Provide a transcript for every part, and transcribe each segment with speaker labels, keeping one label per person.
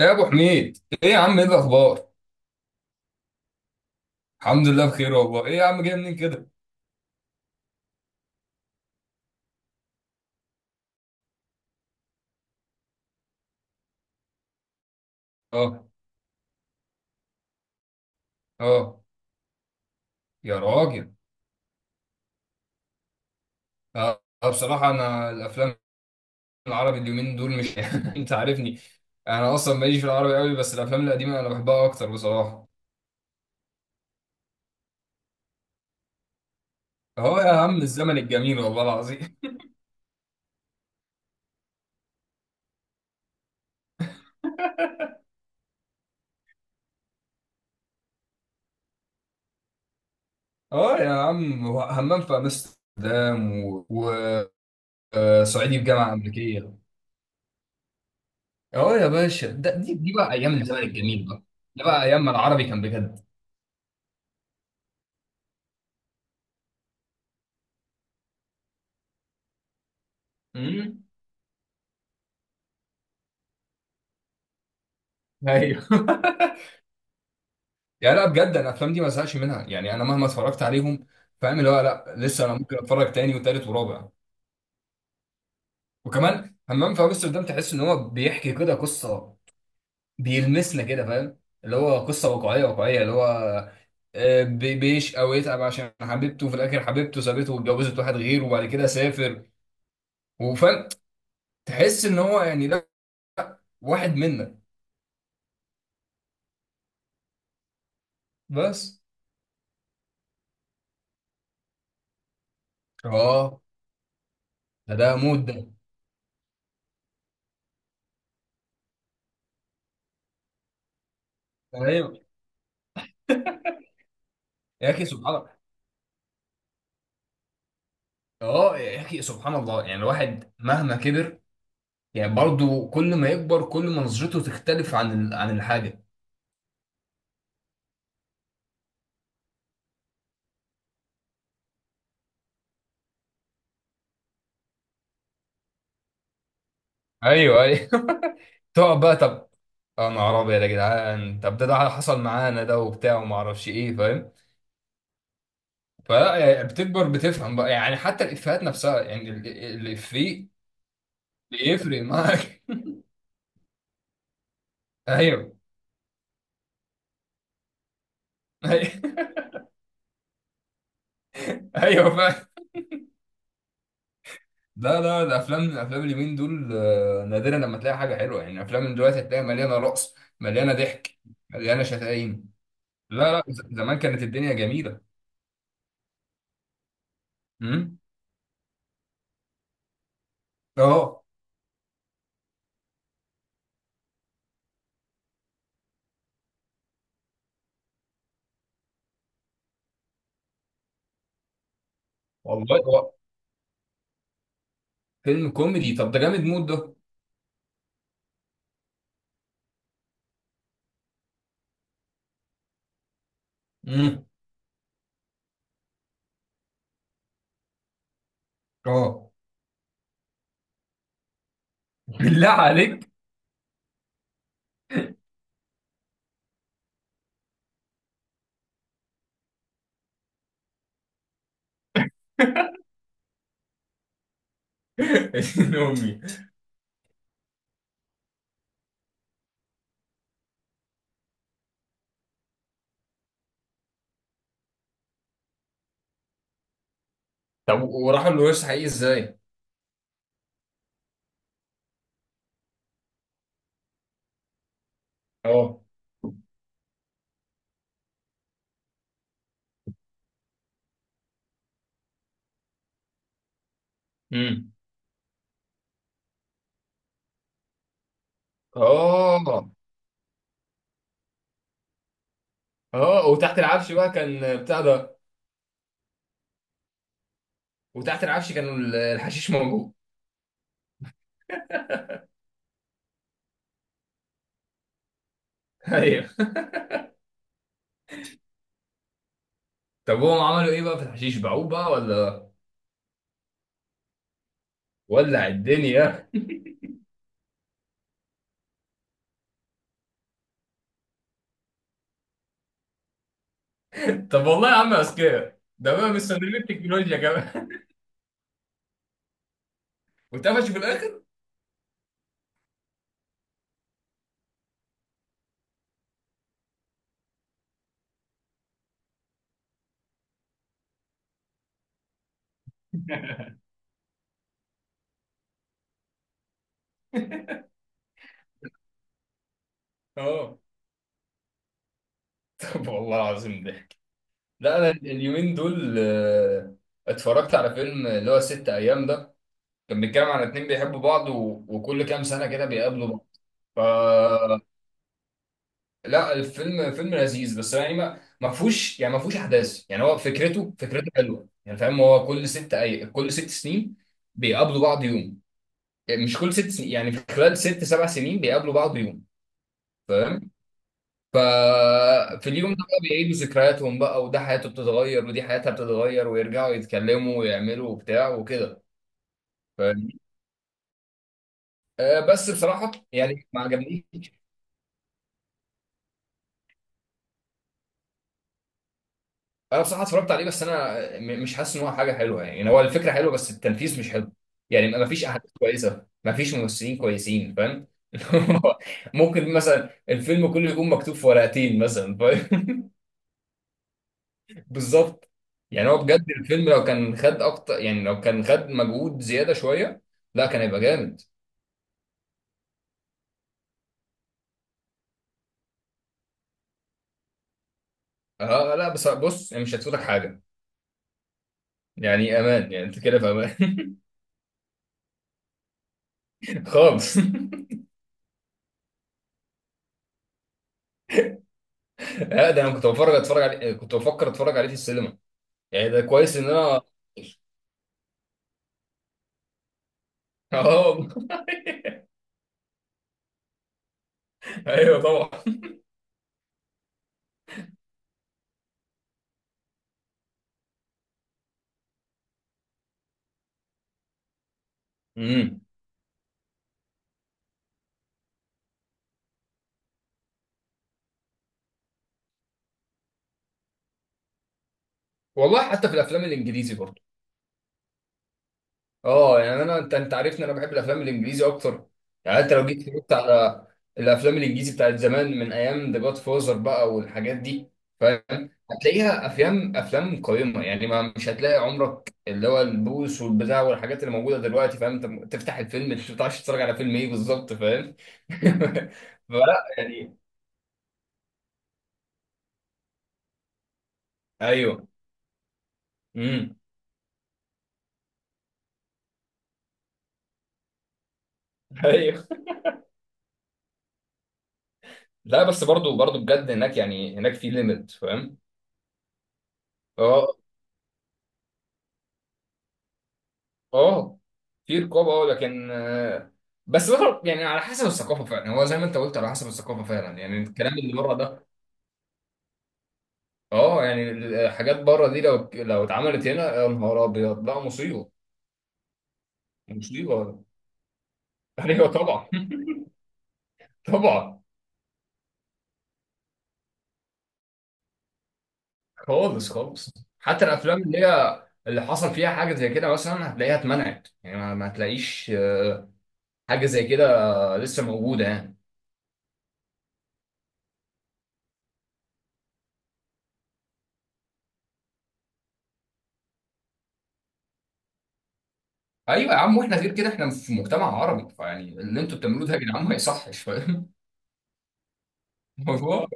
Speaker 1: ايه يا ابو حميد، ايه يا عم، ايه الاخبار؟ الحمد لله بخير والله. ايه يا عم، جاي منين كده؟ اه. اه يا راجل. بصراحه انا الافلام العربي اليومين دول مش انت عارفني. انا اصلا ماليش في العربي قوي، بس الافلام القديمه انا بحبها اكتر بصراحه. اه يا عم الزمن الجميل والله العظيم. اه يا عم، هو همام في امستردام وصعيدي في جامعه امريكيه. اه يا باشا، ده دي بقى ايام الزمن الجميل بقى، ده بقى ايام ما العربي كان بجد. امم. ايوه. يعني لا بجد، انا الافلام دي ما زهقش منها، يعني انا مهما اتفرجت عليهم، فاهم اللي هو؟ لا لسه انا ممكن اتفرج تاني وتالت ورابع. وكمان همام في امستردام، تحس ان هو بيحكي كده قصه، بيلمسنا كده، فاهم؟ اللي هو قصه واقعيه، واقعيه، اللي هو بيش او يتعب عشان حبيبته، في الاخر حبيبته سابته واتجوزت واحد غيره وبعد كده سافر، وفاهم، تحس ان هو يعني ده واحد منا. بس. اه ده مود ده. ايوه يا اخي سبحان الله. اه يا اخي سبحان الله، يعني الواحد مهما كبر، يعني برضو كل ما يكبر كل ما نظرته تختلف عن عن الحاجة. ايوه ايوه. تقعد بقى، طب. يا نهار ابيض يا جدعان، طب ده حصل معانا ده وبتاع وما اعرفش ايه، فاهم؟ فلا يعني بتكبر بتفهم بقى، يعني حتى الافيهات نفسها، يعني الافيه بيفرق معاك. ايوه ايوه. ايوه فاهم. لا لا، الافلام الافلام اليومين دول نادرا لما تلاقي حاجه حلوه، يعني الافلام من دلوقتي هتلاقي مليانه رقص، مليانه ضحك، مليانه شتايم. لا لا، زمان كانت الدنيا جميله. امم. اه والله. هو فيلم كوميدي؟ طب ده جامد موت ده. امم. اه. بالله عليك. ابن امي. طب وراحوا الورث حقيقي ازاي؟ اه. امم. اه. اه وتحت العفش بقى كان بتاع ده. وتحت العفش كان الحشيش موجود. ايوه. طب هم عملوا ايه بقى في الحشيش، باعوه بقى ولا؟ ولع الدنيا. طب والله يا عم اذكياء، ده بقى مستخدمين التكنولوجيا كمان. واتقفشوا في الاخر. اه. طب والله العظيم ضحك. لا انا اليومين دول اتفرجت على فيلم اللي هو ست ايام ده، كان بيتكلم عن اتنين بيحبوا بعض و... وكل كام سنه كده بيقابلوا بعض. ف لا، الفيلم فيلم لذيذ بس يعني ما فيهوش، يعني ما فيهوش احداث. يعني هو فكرته، فكرته حلوه يعني، فاهم؟ هو كل ست اي كل ست سنين بيقابلوا بعض يوم. يعني مش كل ست سنين، يعني في خلال ست سبع سنين بيقابلوا بعض يوم، فاهم؟ ففي اليوم ده بقى بيعيدوا ذكرياتهم بقى، وده حياته بتتغير ودي حياتها بتتغير، ويرجعوا يتكلموا ويعملوا وبتاع وكده. فاهمني؟ بس بصراحة يعني ما عجبنيش. انا بصراحة اتفرجت عليه بس انا مش حاسس ان هو حاجة حلوة، يعني يعني هو الفكرة حلوة بس التنفيذ مش حلو. يعني ما فيش احداث كويسة، ما فيش ممثلين كويسين، فاهم؟ ممكن مثلا الفيلم كله يكون مكتوب في ورقتين مثلا، فاهم؟ بالظبط. يعني هو اه بجد الفيلم لو كان خد اكتر، يعني لو كان خد مجهود زياده شويه لا كان هيبقى جامد. اه لا بس بص، يعني مش هتفوتك حاجه. يعني امان، يعني انت كده في امان. خالص. لا ده انا كنت بفرج اتفرج عليه، كنت بفكر اتفرج عليه في السينما، يعني ده كويس ان انا. اه والله. ايوه طبعا. امم. والله حتى في الافلام الانجليزي برضه. اه يعني انا انت عارفني، انا بحب الافلام الانجليزي اكتر. يعني انت لو جيت اتفرجت على الافلام الانجليزي بتاعت زمان من ايام ذا جاد فوزر بقى والحاجات دي، فاهم؟ هتلاقيها افلام، افلام قيمه يعني، ما مش هتلاقي عمرك اللي هو البوس والبتاع والحاجات اللي موجوده دلوقتي، فاهم؟ انت تفتح الفيلم مش بتعرفش تتفرج على فيلم ايه بالظبط، فاهم؟ فلا يعني. ايوه. امم. ايوه. لا بس برضو بجد هناك يعني، هناك في ليميت، فاهم؟ اه. اه في رقابه، اه لكن بس برضه يعني على حسب الثقافه فعلا، يعني هو زي ما انت قلت على حسب الثقافه فعلا يعني، الكلام اللي بره ده اه. يعني الحاجات بره دي لو اتعملت هنا يا نهار ابيض، لا مصيبه، مصيبه. ايوه طبعا. طبعا. خالص خالص. حتى الافلام اللي هي اللي حصل فيها حاجه زي كده مثلا هتلاقيها اتمنعت، يعني ما هتلاقيش حاجه زي كده لسه موجوده يعني. ايوه يا عم، واحنا غير كده، احنا في مجتمع عربي، فيعني اللي انتوا بتعملوه ده يا جدعان ما يصحش، فاهم الموضوع؟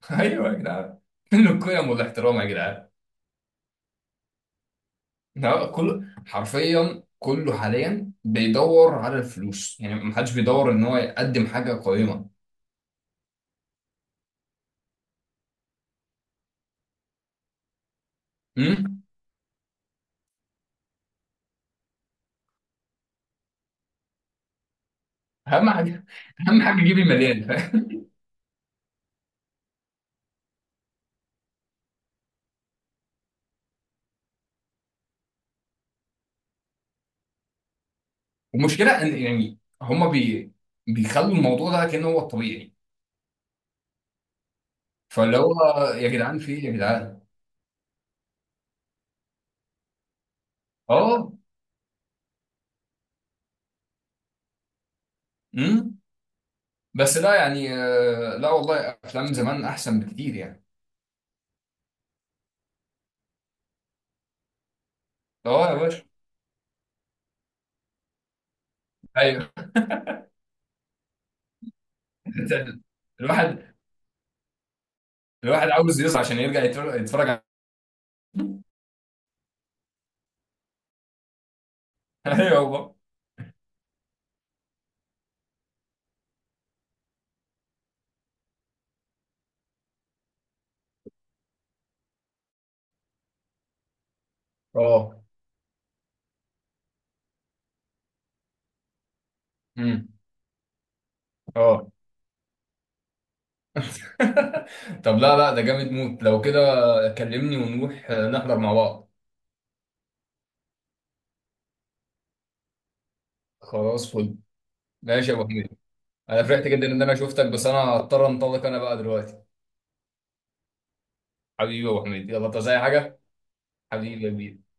Speaker 1: ايوه يا جدعان، فين القيم والاحترام يا جدعان؟ لا، كل حرفيا كله حاليا بيدور على الفلوس، يعني ما حدش بيدور ان هو يقدم حاجه قيمه. أمم؟ اهم حاجه. اهم حاجه يجيب المليان. فاهم؟ المشكله ان يعني هما بيخلوا الموضوع ده كأنه هو الطبيعي. فاللي هو يا جدعان في إيه يا جدعان؟ اه. امم. بس لا يعني لا والله افلام زمان احسن بكتير يعني. اه يا باشا. ايوه. الواحد، الواحد عاوز يصحى عشان يرجع يتفرج، يتفرج على. ايوه والله. اه. امم. اه. طب لا لا، ده جامد موت لو كده، كلمني ونروح نحضر مع بعض. خلاص فل. ماشي يا ابو حميد. انا فرحت جدا ان انا شفتك، بس انا هضطر انطلق انا بقى دلوقتي. حبيبي يا ابو حميد، يلا انت زي حاجه. حبيبي يا كبير.